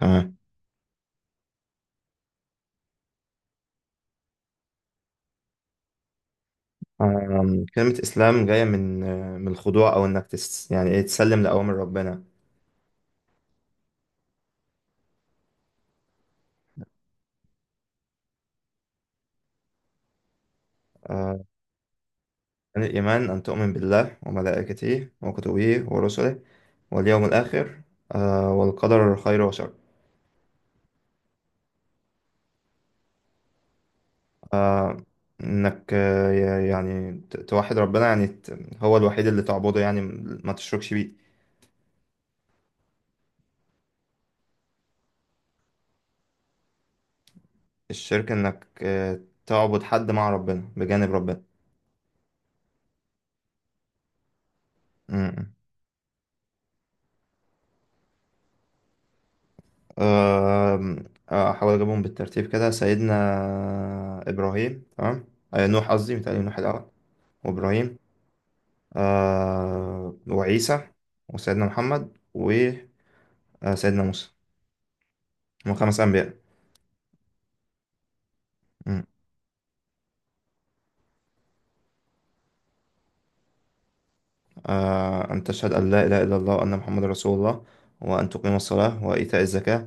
تمام. كلمة إسلام جاية من الخضوع أو إنك يعني إيه تسلم لأوامر ربنا. آه، عن الإيمان أن تؤمن بالله وملائكته وكتبه ورسله واليوم الآخر والقدر خير وشر. آه، إنك يعني توحد ربنا، يعني هو الوحيد اللي تعبده، يعني ما تشركش بيه. الشرك إنك تعبد حد مع ربنا بجانب ربنا. آم، آه، احاول اجيبهم بالترتيب كده، سيدنا ابراهيم، تمام، نوح، قصدي متهيألي نوح الاول وابراهيم، وعيسى وسيدنا محمد وسيدنا موسى. هم خمس انبياء. مم. ان تشهد ان لا اله الا الله وان محمد رسول الله، وان تقيم الصلاه وايتاء الزكاه،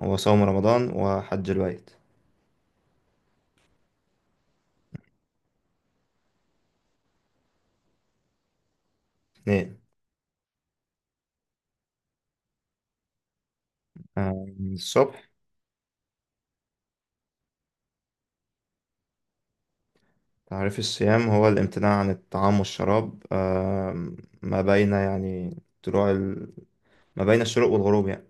وصوم رمضان وحج البيت. اثنين. آه، الصبح. تعريف الصيام هو الامتناع عن الطعام والشراب، ما بين يعني طلوع ال... ما بين الشروق والغروب يعني.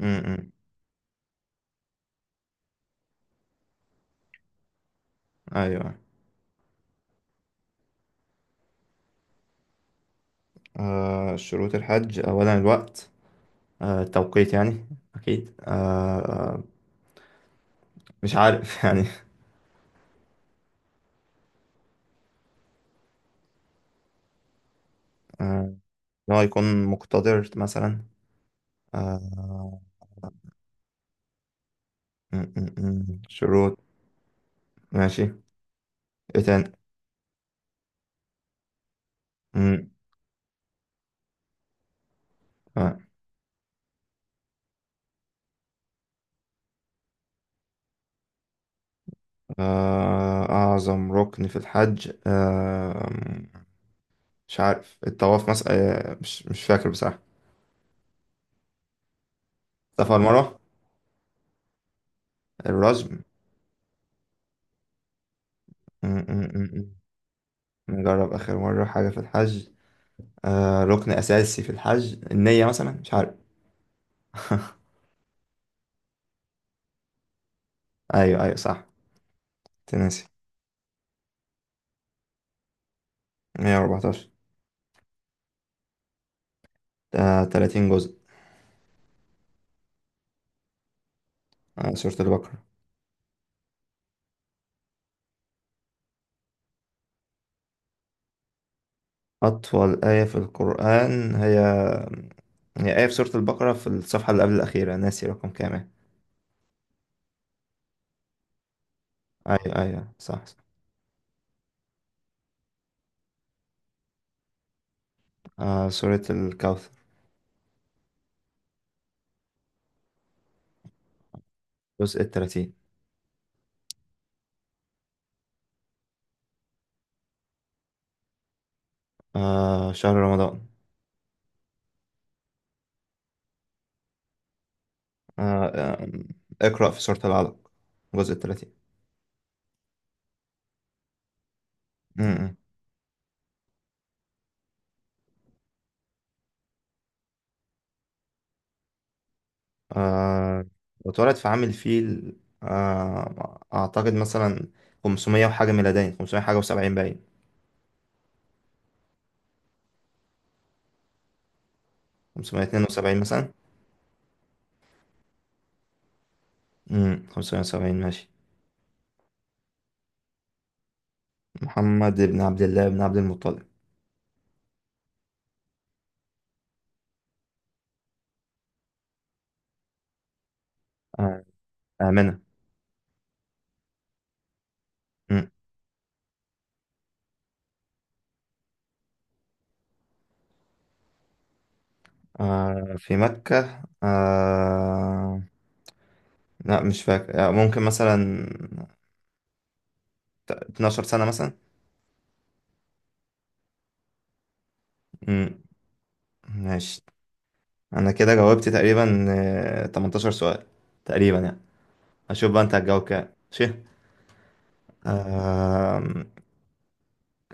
امم. ايوه. شروط الحج اولا الوقت، التوقيت يعني. اكيد مش عارف يعني. آه، ان هو يكون مقتدر مثلا. آه، م- م- م. شروط. ماشي. ايه تاني. م. آه، اعظم ركن في الحج، مش عارف، الطواف مثلا؟ مش فاكر بصراحة. الصفا والمروة. الرجم. م- م- م- م. نجرب آخر مرة، حاجة في الحج، ركن أساسي في الحج، النية مثلا، مش عارف أيوه، أيوه، صح. تنسي. 114. 30 جزء. سورة البقرة. أطول آية في القرآن هي آية في سورة البقرة، في الصفحة اللي قبل الأخيرة، ناسي رقم كام يعني. أيوه، أيوه، صح، صح. سورة الكوثر. جزء التلاتين. شهر رمضان. آه، آه، اقرأ في سورة العلق، الجزء الثلاثين. امم. آه، واتولد في عام الفيل. أعتقد مثلا 500 وحاجة ميلادين، 500 حاجة وسبعين، باين. 572 مثلا. امم. 570. ماشي. محمد بن عبد الله بن عبد المطلب. آه، آمنة. مم. في مكة، لا مش فاكر، ممكن مثلا 12 سنة مثلا. امم. ماشي. انا كده جاوبت تقريبا 18 سؤال تقريبا يعني. هشوف بقى انت هتجاوب كام. ماشي. آم،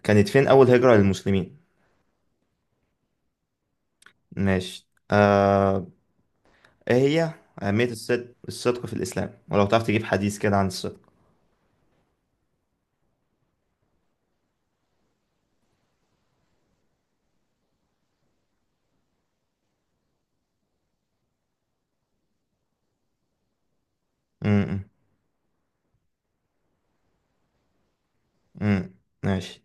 كانت فين اول هجرة للمسلمين؟ ماشي. ايه هي اهمية الصدق في الاسلام؟ ولو تعرف تجيب حديث كده عن الصدق. م- م- م. ماشي،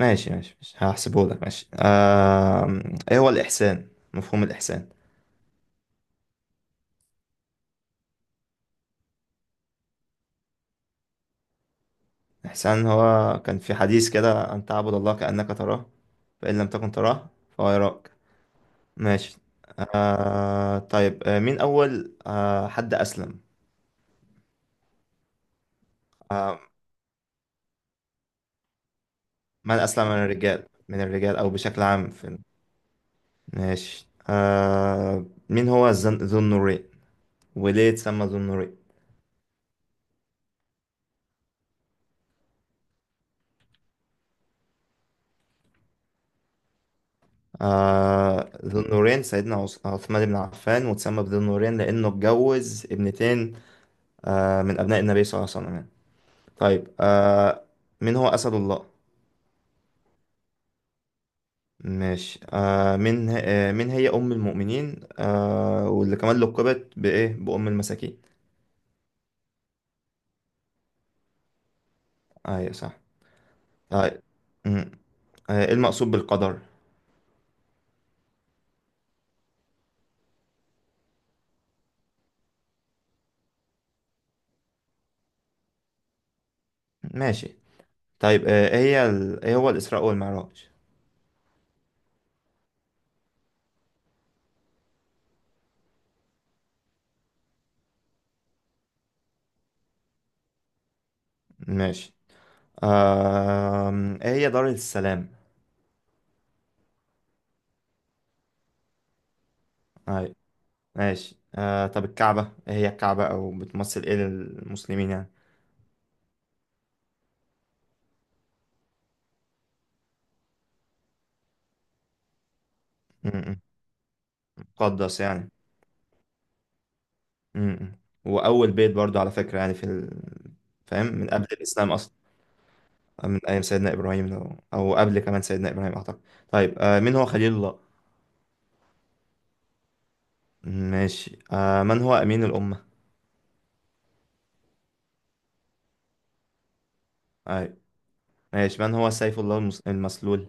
ماشي، ماشي، ماشي. هحسبه لك. ماشي. ايه هو الاحسان، مفهوم الاحسان؟ الاحسان هو كان في حديث كده، ان تعبد الله كأنك تراه، فإن لم تكن تراه فهو يراك. ماشي. طيب، مين أول حد أسلم؟ آه من أسلم من الرجال، من الرجال أو بشكل عام في... ماشي. مين هو ذو النورين؟ وليه اتسمى ذو النورين؟ ذو النورين سيدنا عثمان بن عفان، واتسمى بذو النورين لأنه اتجوز ابنتين من أبناء النبي صلى الله عليه وسلم يعني. طيب، مين هو أسد الله؟ ماشي. من هي أم المؤمنين، واللي كمان لقبت بإيه، بأم المساكين؟ أيوة، صح. آه مم. إيه المقصود بالقدر؟ ماشي. طيب، إيه هو الإسراء والمعراج؟ ماشي. آه إيه هي دار السلام؟ أيوة. ماشي. طب الكعبة، إيه هي الكعبة، أو بتمثل إيه للمسلمين يعني؟ مم. مقدس يعني. مم. وأول بيت برضو، على فكرة يعني، فاهم، من قبل الإسلام أصلا. من أيام سيدنا إبراهيم، لو أو قبل كمان سيدنا إبراهيم أعتقد. طيب، مين هو خليل الله؟ ماشي. من هو أمين الأمة؟ أيوة. ماشي. من هو سيف الله المسلول؟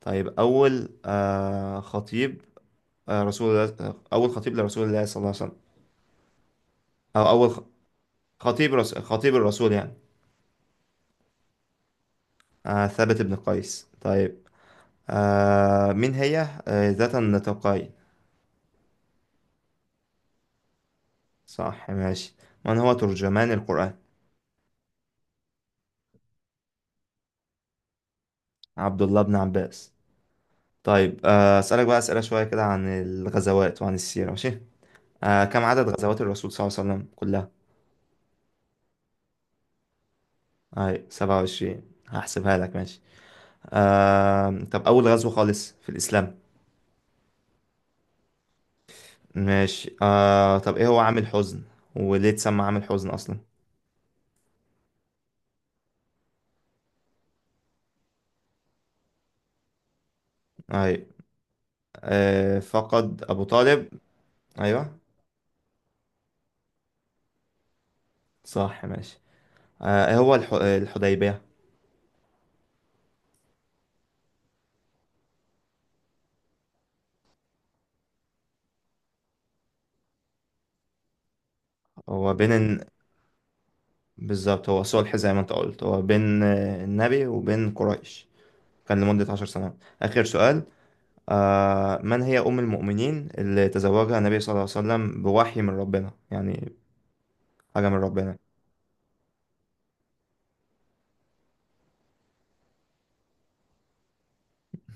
طيب، أول خطيب، رسول الله، أول خطيب لرسول الله صلى الله عليه وسلم، أو أول خطيب الرسول يعني. ثابت بن قيس. طيب، مين هي ذات النطاقين؟ صح. ماشي. من هو ترجمان القرآن؟ عبد الله بن عباس. طيب، أسألك بقى أسئلة شوية كده عن الغزوات وعن السيرة، ماشي. كم عدد غزوات الرسول صلى الله عليه وسلم كلها؟ هاي 27. هحسبها لك. ماشي. طب أول غزوة خالص في الإسلام؟ ماشي. طب إيه هو عام الحزن؟ وليه اتسمى عام الحزن أصلا؟ هاي. فقد أبو طالب. أيوه، صح. ماشي. إيه هو الحديبية؟ هو بين بالظبط، هو صلح زي ما أنت قلت، هو بين النبي وبين قريش. كان لمدة 10 سنوات. آخر سؤال. من هي أم المؤمنين اللي تزوجها النبي صلى الله عليه وسلم بوحي من ربنا، يعني حاجة من ربنا.